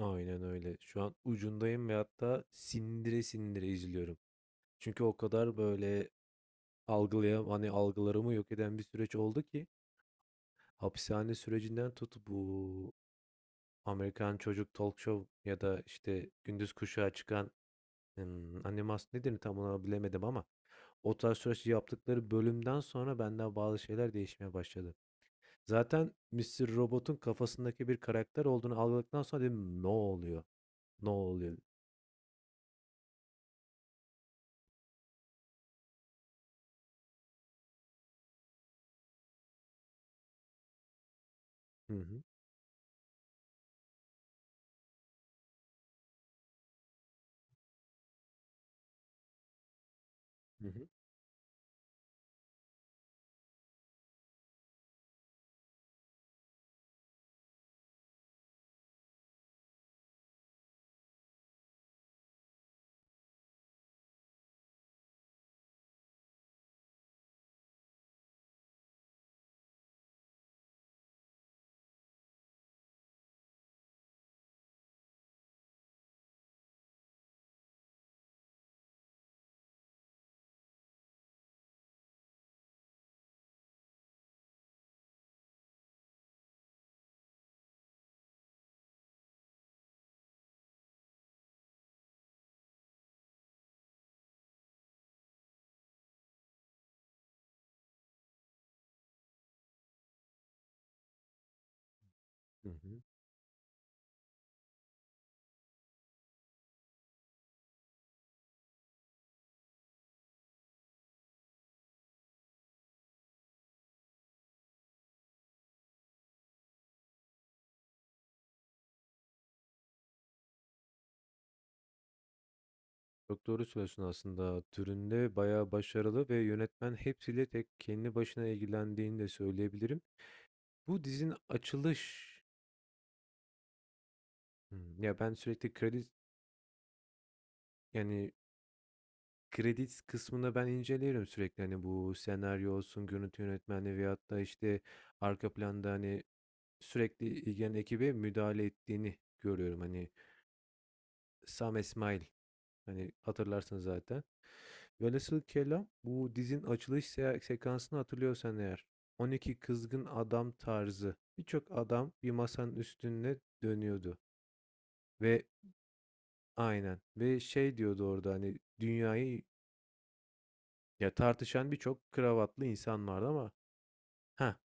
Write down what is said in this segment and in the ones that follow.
Aynen öyle. Şu an ucundayım ve hatta sindire sindire izliyorum. Çünkü o kadar böyle algılayam hani algılarımı yok eden bir süreç oldu ki hapishane sürecinden tut bu Amerikan Çocuk Talk Show ya da işte Gündüz Kuşağı çıkan animasyon nedir tam olarak bilemedim ama o tarz süreç yaptıkları bölümden sonra benden bazı şeyler değişmeye başladı. Zaten Mister Robot'un kafasındaki bir karakter olduğunu algıladıktan sonra dedim ne oluyor? Ne oluyor? Hı hı. Hı hı. Hı hı. Çok doğru söylüyorsun aslında. Türünde bayağı başarılı ve yönetmen hepsiyle tek kendi başına ilgilendiğini de söyleyebilirim. Bu dizinin açılış. Ya ben sürekli kredi, yani kredi kısmını ben inceliyorum sürekli hani bu senaryo olsun, görüntü yönetmenliği veyahut da işte arka planda hani sürekli ilgilenen ekibe müdahale ettiğini görüyorum. Hani Sam İsmail. Hani hatırlarsın zaten. Velhasıl kelam bu dizin açılış sekansını hatırlıyorsan eğer 12 kızgın adam tarzı birçok adam bir masanın üstüne dönüyordu ve aynen ve şey diyordu orada hani dünyayı ya tartışan birçok kravatlı insan vardı ama ha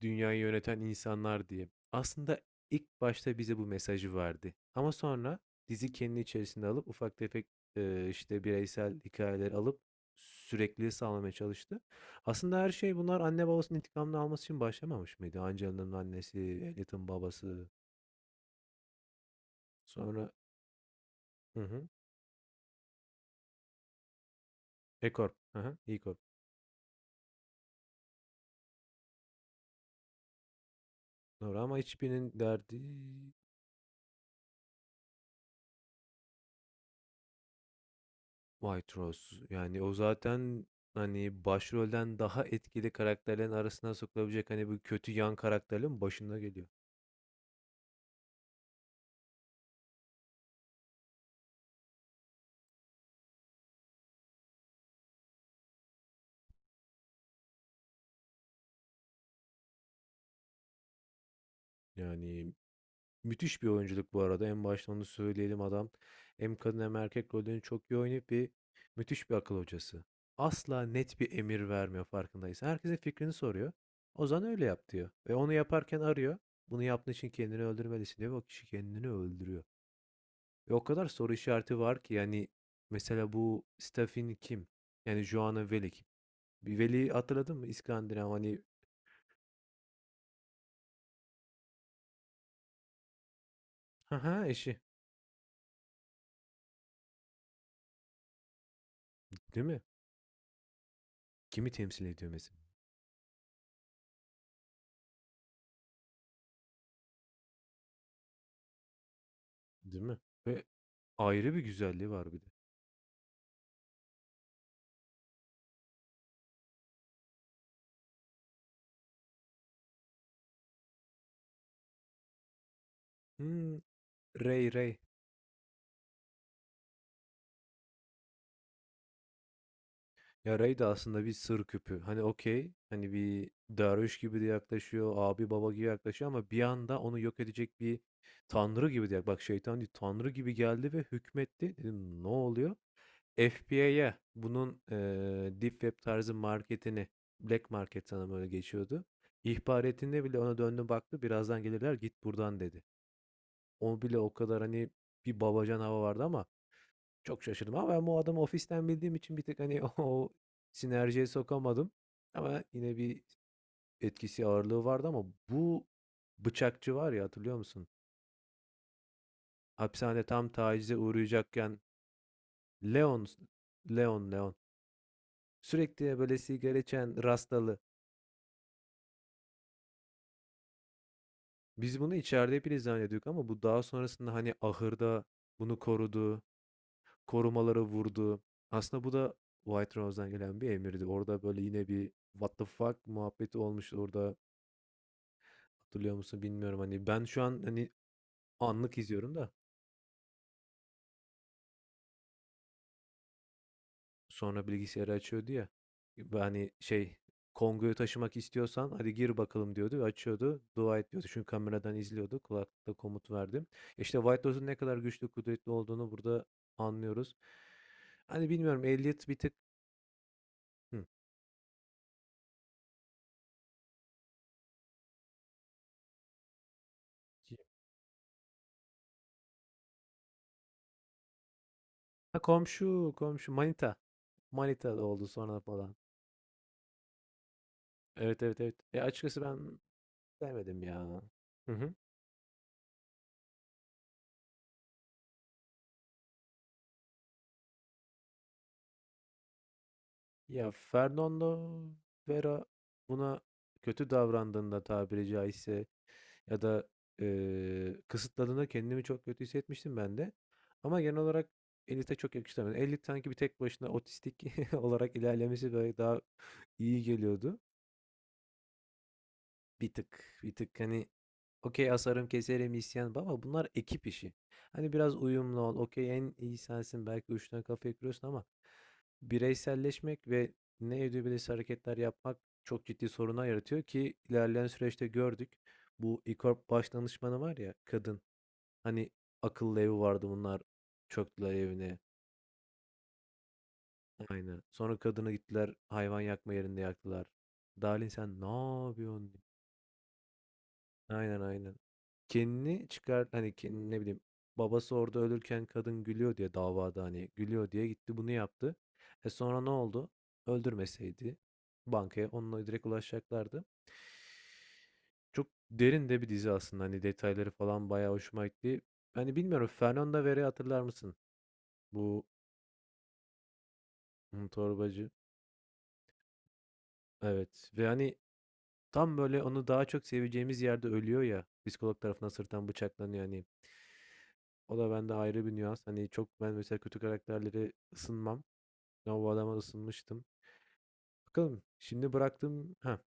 dünyayı yöneten insanlar diye. Aslında ilk başta bize bu mesajı verdi. Ama sonra dizi kendi içerisinde alıp ufak tefek işte bireysel hikayeleri alıp sürekliliği sağlamaya çalıştı. Aslında her şey bunlar anne babasının intikamını alması için başlamamış mıydı? Angela'nın annesi, Elliot'ın babası, sonra hı hı, E Corp, hı hı, E Corp. Doğru ama hiçbirinin derdi White Rose. Yani o zaten hani başrolden daha etkili karakterlerin arasına sokulabilecek hani bu kötü yan karakterlerin başında geliyor. Yani müthiş bir oyunculuk bu arada. En başta onu söyleyelim adam. Hem kadın hem erkek rollerini çok iyi oynayıp bir müthiş bir akıl hocası. Asla net bir emir vermiyor farkındaysan. Herkesin fikrini soruyor. Ozan öyle yap diyor. Ve onu yaparken arıyor. Bunu yaptığın için kendini öldürmelisin diyor. Ve o kişi kendini öldürüyor. Ve o kadar soru işareti var ki yani mesela bu Stefan kim? Yani Joanna Velik. Bir Veli hatırladın mı? İskandinav hani ha ha eşi değil mi? Kimi temsil ediyor mesela? Değil mi? Ve ayrı bir güzelliği var bir de. Hmm, Ray. Ray. Ya Ray de aslında bir sır küpü. Hani okey. Hani bir derviş gibi de yaklaşıyor. Abi baba gibi yaklaşıyor ama bir anda onu yok edecek bir tanrı gibi de. Bak şeytan değil. Tanrı gibi geldi ve hükmetti. Dedim ne oluyor? FBI'ya bunun, Deep Web tarzı marketini, Black Market sanırım öyle geçiyordu. İhbar ettiğinde bile ona döndü baktı. "Birazdan gelirler, git buradan." dedi. O bile o kadar, hani, bir babacan hava vardı ama çok şaşırdım ama ben bu adamı ofisten bildiğim için bir tık, hani, o sinerjiye sokamadım ama yine bir etkisi, ağırlığı vardı ama bu bıçakçı var ya, hatırlıyor musun? Hapishane tam tacize uğrayacakken Leon. Leon sürekli, böyle, sigara içen rastalı. Biz bunu içeride hep ilizam ama bu daha sonrasında, hani, ahırda bunu korudu, korumaları vurdu. Aslında bu da White Rose'dan gelen bir emirdi. Orada, böyle, yine bir "what the fuck" muhabbeti olmuştu orada. Hatırlıyor musun bilmiyorum. Hani, ben şu an, hani, anlık izliyorum da. Sonra bilgisayarı açıyordu ya. B hani, şey, Kongo'yu taşımak istiyorsan hadi gir bakalım diyordu ve açıyordu. Dua et diyordu. Çünkü kameradan izliyordu. Kulaklıkla komut verdim. İşte White Lotus'un ne kadar güçlü, kudretli olduğunu burada anlıyoruz. Hani bilmiyorum Elliot bir tık. Hıh. Ha, komşu, komşu manita. Manita da oldu sonra falan. Evet, evet, evet. Ya, açıkçası ben sevmedim ya. Hı hı. Ya, Fernando Vera buna kötü davrandığında tabiri caizse. Ya da, kısıtladığında kendimi çok kötü hissetmiştim ben de. Ama genel olarak Elif'e çok yakıştıramadım. Elif sanki bir tek başına otistik olarak ilerlemesi böyle daha iyi geliyordu. Bir tık hani okey asarım, keserim, isyan baba bunlar ekip işi. Hani biraz uyumlu ol. Okey en iyi sensin belki uçtan kafaya kırıyorsun ama bireyselleşmek ve ne edebilirse hareketler yapmak çok ciddi sorunlar yaratıyor ki ilerleyen süreçte gördük. Bu İKORP baş danışmanı var ya kadın. Hani, akıllı evi vardı bunlar, çöktüler evine. Aynen. Sonra kadını gittiler hayvan yakma yerinde yaktılar. Dalin sen ne yapıyorsun?" Aynen, aynen. Kendini çıkar hani, kendini ne bileyim, babası orada ölürken kadın gülüyor diye davada, hani, gülüyor diye gitti bunu yaptı. E, sonra ne oldu? Öldürmeseydi bankaya onunla direkt ulaşacaklardı. Çok derin de bir dizi aslında, hani, detayları falan bayağı hoşuma gitti. Hani, bilmiyorum Fernanda Vera'yı hatırlar mısın? Bu, torbacı. Evet ve, hani, tam böyle onu daha çok seveceğimiz yerde ölüyor ya, psikolog tarafından sırttan bıçaklanıyor, hani. O da bende ayrı bir nüans. Hani, çok ben mesela kötü karakterlere ısınmam ama bu adama ısınmıştım. Bakalım şimdi bıraktım ha.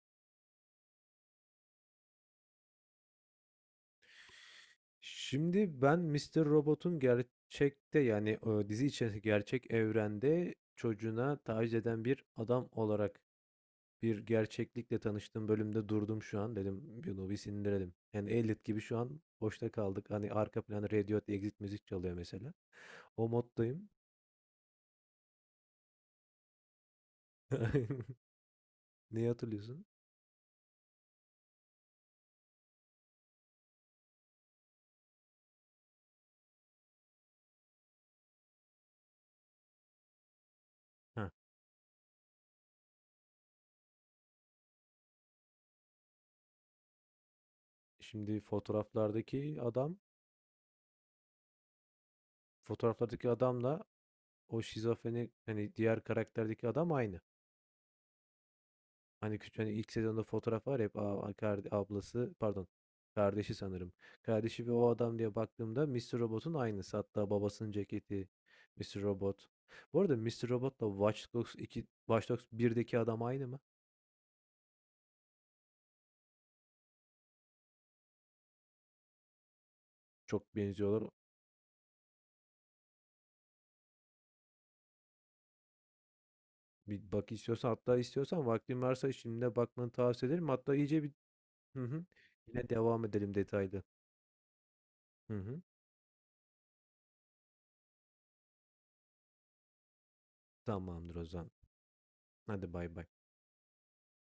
Şimdi ben Mister Robot'un gerçekte, yani, dizi içerisindeki gerçek evrende çocuğuna taciz eden bir adam olarak bir gerçeklikle tanıştığım bölümde durdum şu an. Dedim bunu bir sindirelim. Yani Elliot gibi şu an boşta kaldık. Hani arka planı Radiohead Exit müzik çalıyor mesela. O moddayım. Neyi hatırlıyorsun? Heh. Şimdi fotoğraflardaki adam, fotoğraflardaki adamla o şizofreni hani diğer karakterdeki adam aynı. Hani küçük hani ilk sezonda fotoğraf var ya hep a a karde ablası pardon, kardeşi sanırım. Kardeşi ve o adam diye baktığımda Mr. Robot'un aynısı. Hatta babasının ceketi Mr. Robot. Bu arada Mr. Robot'la Watch Dogs 2, Watch Dogs birdeki adam aynı mı? Çok benziyorlar. Bir bak istiyorsan hatta istiyorsan vaktin varsa şimdi bakmanı tavsiye ederim. Hatta iyice bir hı hı. Yine devam edelim detaylı. Hı hı. Tamamdır o zaman. Hadi bay bay.